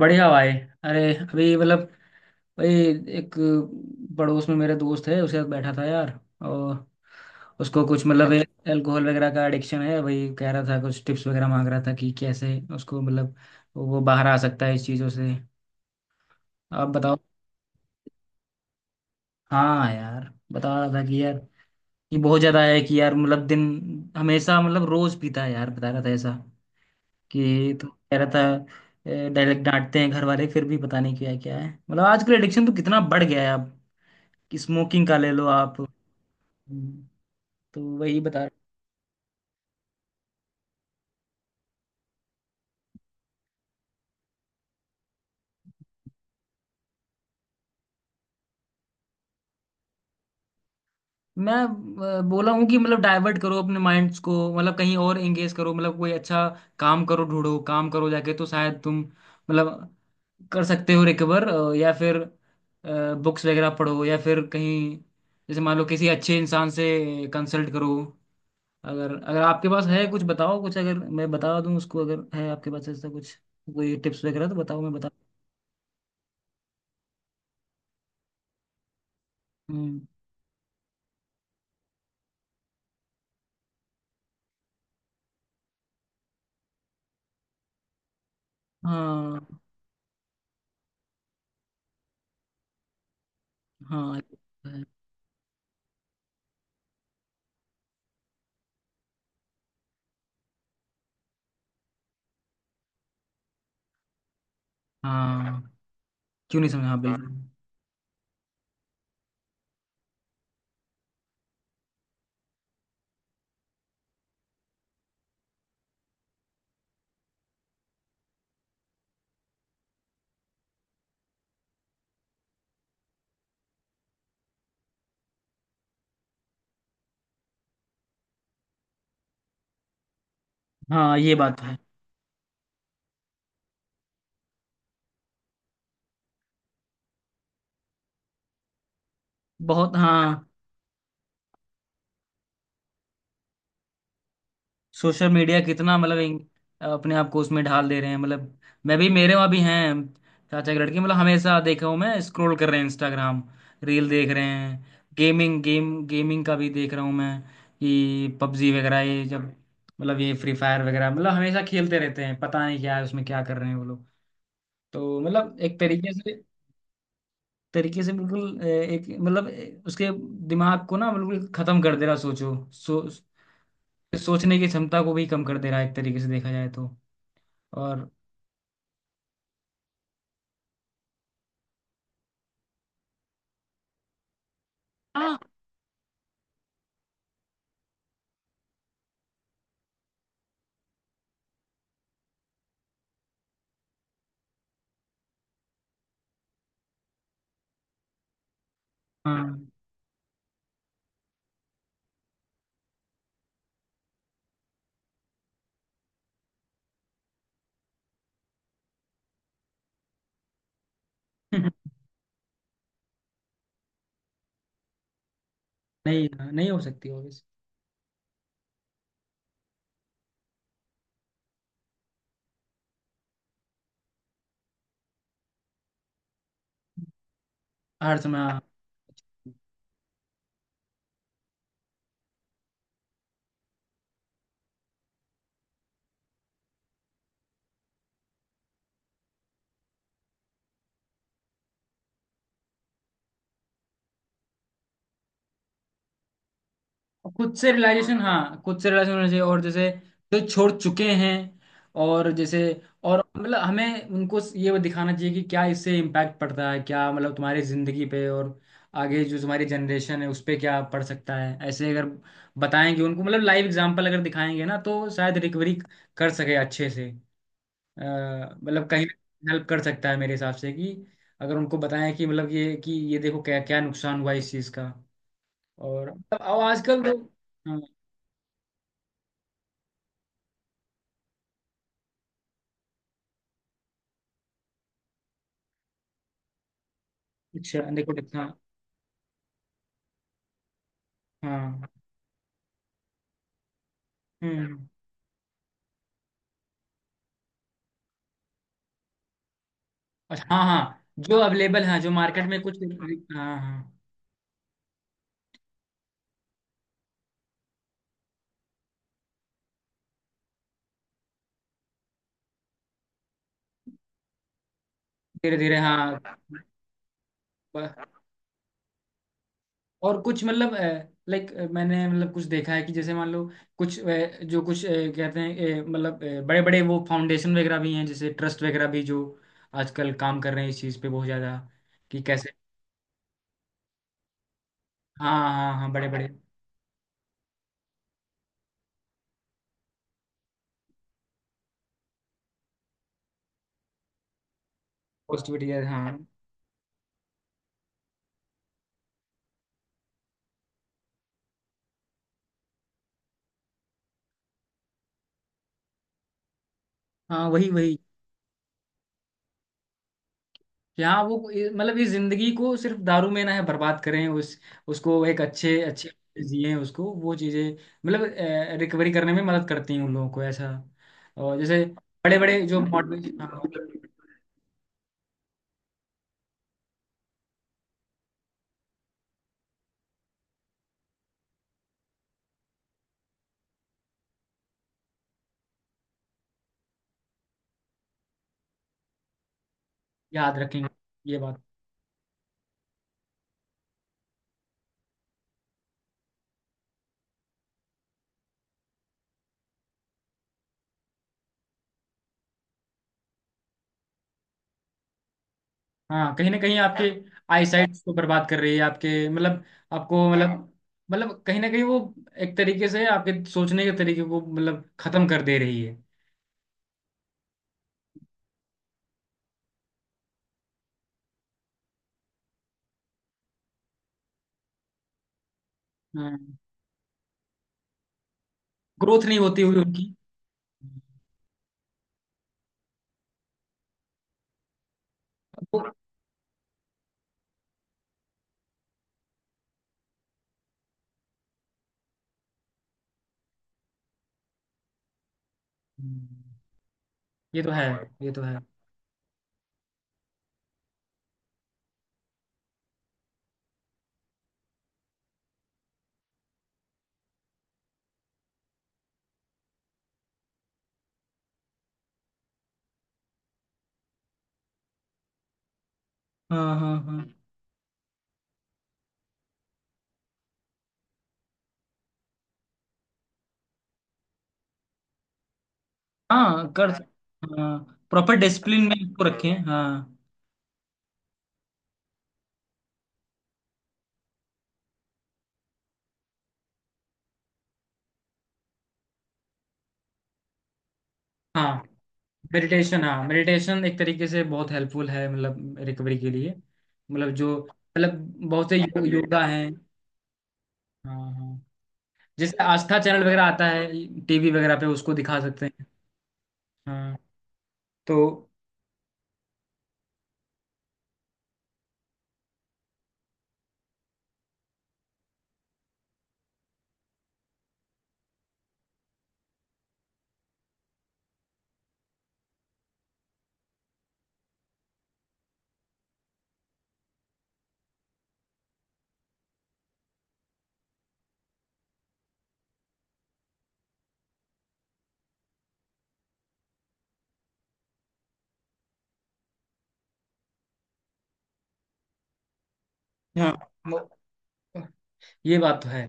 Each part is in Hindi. बढ़िया भाई। अरे अभी मतलब भाई एक पड़ोस में मेरे दोस्त है उसके साथ बैठा था यार। और उसको कुछ मतलब अच्छा अल्कोहल वगैरह का एडिक्शन है, वही कह रहा था, कुछ टिप्स वगैरह मांग रहा था कि कैसे उसको मतलब वो बाहर आ सकता है इस चीज़ों से। आप बताओ। हाँ यार, बता रहा था कि यार ये बहुत ज़्यादा है कि यार मतलब दिन हमेशा मतलब रोज़ पीता है यार, बता रहा था ऐसा। कि तो कह रहा था डायरेक्ट डांटते हैं घर वाले फिर भी पता नहीं क्या क्या है। मतलब आजकल एडिक्शन तो कितना बढ़ गया है आप। कि स्मोकिंग का ले लो आप। हम्म। तो वही बता रहा। मैं बोला हूँ कि मतलब डाइवर्ट करो अपने माइंड्स को, मतलब कहीं और एंगेज करो, मतलब कोई अच्छा काम करो, ढूंढो काम करो जाके, तो शायद तुम मतलब कर सकते हो रिकवर। या फिर बुक्स वगैरह पढ़ो, या फिर कहीं जैसे मान लो किसी अच्छे इंसान से कंसल्ट करो। अगर अगर आपके पास है कुछ बताओ, कुछ अगर मैं बता दूं उसको, अगर है आपके पास ऐसा कुछ कोई टिप्स वगैरह तो बताओ, मैं बता। हम्म। हाँ हाँ हाँ, क्यों नहीं समझा, हाँ बिल्कुल। हाँ ये बात तो है। बहुत, हाँ। सोशल मीडिया कितना मतलब अपने आप को उसमें ढाल दे रहे हैं मतलब। मैं भी, मेरे वहाँ भी हैं चाचा के लड़के, मतलब हमेशा देखा हूँ मैं स्क्रॉल कर रहे हैं इंस्टाग्राम, रील देख रहे हैं, गेमिंग, गेमिंग का भी देख रहा हूँ मैं कि पबजी वगैरह ये, जब मतलब ये फ्री फायर वगैरह, मतलब हमेशा खेलते रहते हैं, पता नहीं क्या है उसमें, क्या कर रहे हैं वो लोग। तो मतलब एक तरीके से बिल्कुल एक मतलब उसके दिमाग को ना बिल्कुल खत्म कर दे रहा। सोचो, सोचने की क्षमता को भी कम कर दे रहा है एक तरीके से देखा जाए तो। और हाँ हाँ नहीं, नहीं हो सकती ऑब्वियस। हर समय, हाँ। खुद से रियलाइजेशन, हाँ खुद से रियलाइजेशन होना चाहिए। और जैसे जो छोड़ चुके हैं और जैसे, और मतलब हमें उनको ये दिखाना चाहिए कि क्या इससे इम्पैक्ट पड़ता है, क्या मतलब तुम्हारी ज़िंदगी पे, और आगे जो तुम्हारी जनरेशन है उस पे क्या पड़ सकता है। ऐसे अगर बताएंगे उनको, मतलब लाइव एग्जांपल अगर दिखाएंगे ना, तो शायद रिकवरी कर सके अच्छे से। अ, मतलब कहीं हेल्प कर सकता है मेरे हिसाब से कि अगर उनको बताएं कि मतलब ये कि ये देखो क्या क्या नुकसान हुआ इस चीज़ का। और अब आजकल तो, हाँ। अच्छा, देखो कितना। हाँ। हम्म। अच्छा हाँ हाँ, जो अवेलेबल है जो मार्केट में कुछ। हाँ हाँ। धीरे धीरे, हाँ। ब- और कुछ मतलब लाइक मैंने मतलब कुछ देखा है कि जैसे मान लो कुछ जो कुछ कहते हैं मतलब बड़े बड़े वो फाउंडेशन वगैरह भी हैं, जैसे ट्रस्ट वगैरह भी, जो आजकल काम कर रहे हैं इस चीज़ पे बहुत ज़्यादा, कि कैसे। हाँ हाँ हाँ, बड़े बड़े। पॉजिटिविटी, हाँ। हाँ वही वही। यहाँ वो मतलब इस जिंदगी को सिर्फ दारू में ना है बर्बाद करें, उस उसको एक अच्छे अच्छे जिए, उसको वो चीजें मतलब रिकवरी करने में मदद करती हैं उन लोगों को ऐसा। और जैसे बड़े बड़े जो मॉडल, हाँ। याद रखेंगे, ये बात। हाँ, कहीं ना कहीं आपके आईसाइट को बर्बाद कर रही है, आपके मतलब आपको मतलब, मतलब कहीं ना कहीं वो एक तरीके से आपके सोचने के तरीके को मतलब खत्म कर दे रही है। ग्रोथ नहीं होती हुई उनकी। वो- ये तो है, और ये तो है। हाँ हाँ हाँ। हाँ, प्रॉपर डिसिप्लिन में इसको रखें, हाँ। हाँ। मेडिटेशन, हाँ मेडिटेशन एक तरीके से बहुत हेल्पफुल है मतलब रिकवरी के लिए। मतलब जो मतलब बहुत से योगा हैं। हाँ हाँ। जैसे आस्था चैनल वगैरह आता है टीवी वगैरह पे, उसको दिखा सकते हैं। हाँ। तो, हाँ। वो- ये बात तो है।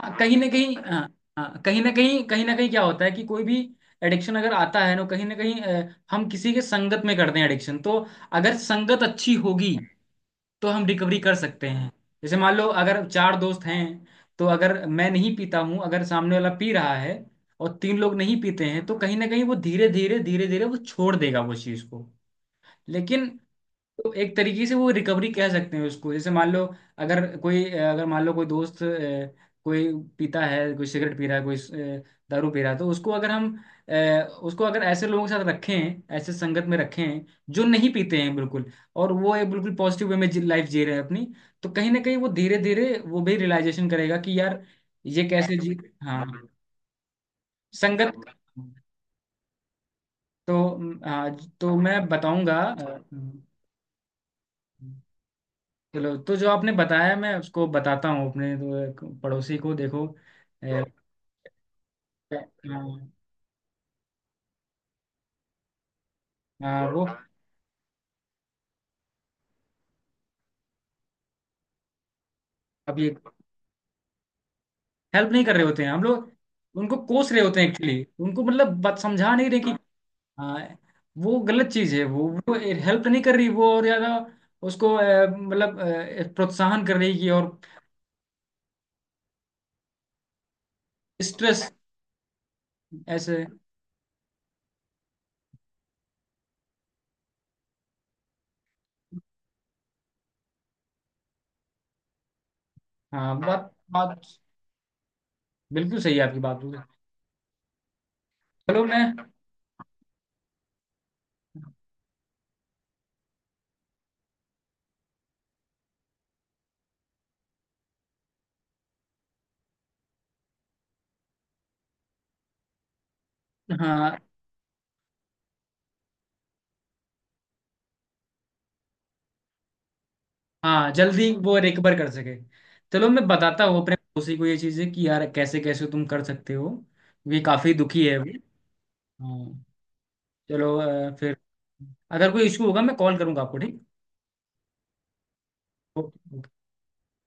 हाँ कहीं ना कहीं, हाँ। हाँ कहीं ना कहीं क्या होता है कि कोई भी एडिक्शन अगर आता है ना, कहीं ना कहीं हम किसी के संगत में करते हैं एडिक्शन। तो अगर संगत अच्छी होगी तो हम रिकवरी कर सकते हैं। जैसे मान लो अगर चार दोस्त हैं, तो अगर मैं नहीं पीता हूँ, अगर सामने वाला पी रहा है और तीन लोग नहीं पीते हैं, तो कहीं ना कहीं वो धीरे धीरे धीरे धीरे वो छोड़ देगा वो चीज़ को। लेकिन तो एक तरीके से वो रिकवरी कह सकते हैं उसको। जैसे मान लो अगर मान लो कोई दोस्त कोई पीता है, कोई सिगरेट पी रहा है, कोई दारू पी रहा है, तो उसको अगर हम अ, उसको अगर ऐसे लोगों के साथ रखें, ऐसे संगत में रखें जो नहीं पीते हैं बिल्कुल, और वो एक बिल्कुल पॉजिटिव वे में लाइफ जी रहे हैं अपनी, तो कहीं ना कहीं वो धीरे धीरे वो भी रियलाइजेशन करेगा कि यार ये कैसे जी। हाँ, संगत। तो हाँ तो मैं बताऊंगा। अ, चलो, तो जो आपने बताया मैं उसको बताता हूँ अपने तो एक पड़ोसी को, देखो। अ, हाँ। हाँ, वो, अब ये हेल्प नहीं कर रहे होते हैं हम लोग, उनको कोस रहे होते हैं एक्चुअली, उनको मतलब बात समझा नहीं रहे कि। हाँ, वो गलत चीज़ है। वो हेल्प नहीं कर रही वो, और ज़्यादा उसको मतलब प्रोत्साहन कर रही कि, और स्ट्रेस ऐसे। हाँ, बात बात बिल्कुल सही है आपकी बात। चलो मैं हाँ हाँ, जल्दी वो रिकवर कर सके। चलो, मैं बताता हूँ अपने पड़ोसी को ये चीज़ें, कि यार कैसे कैसे तुम कर सकते हो। ये काफ़ी दुखी है वो। हाँ। चलो फिर अगर कोई इशू होगा मैं कॉल करूँगा आपको, ठीक। ओके।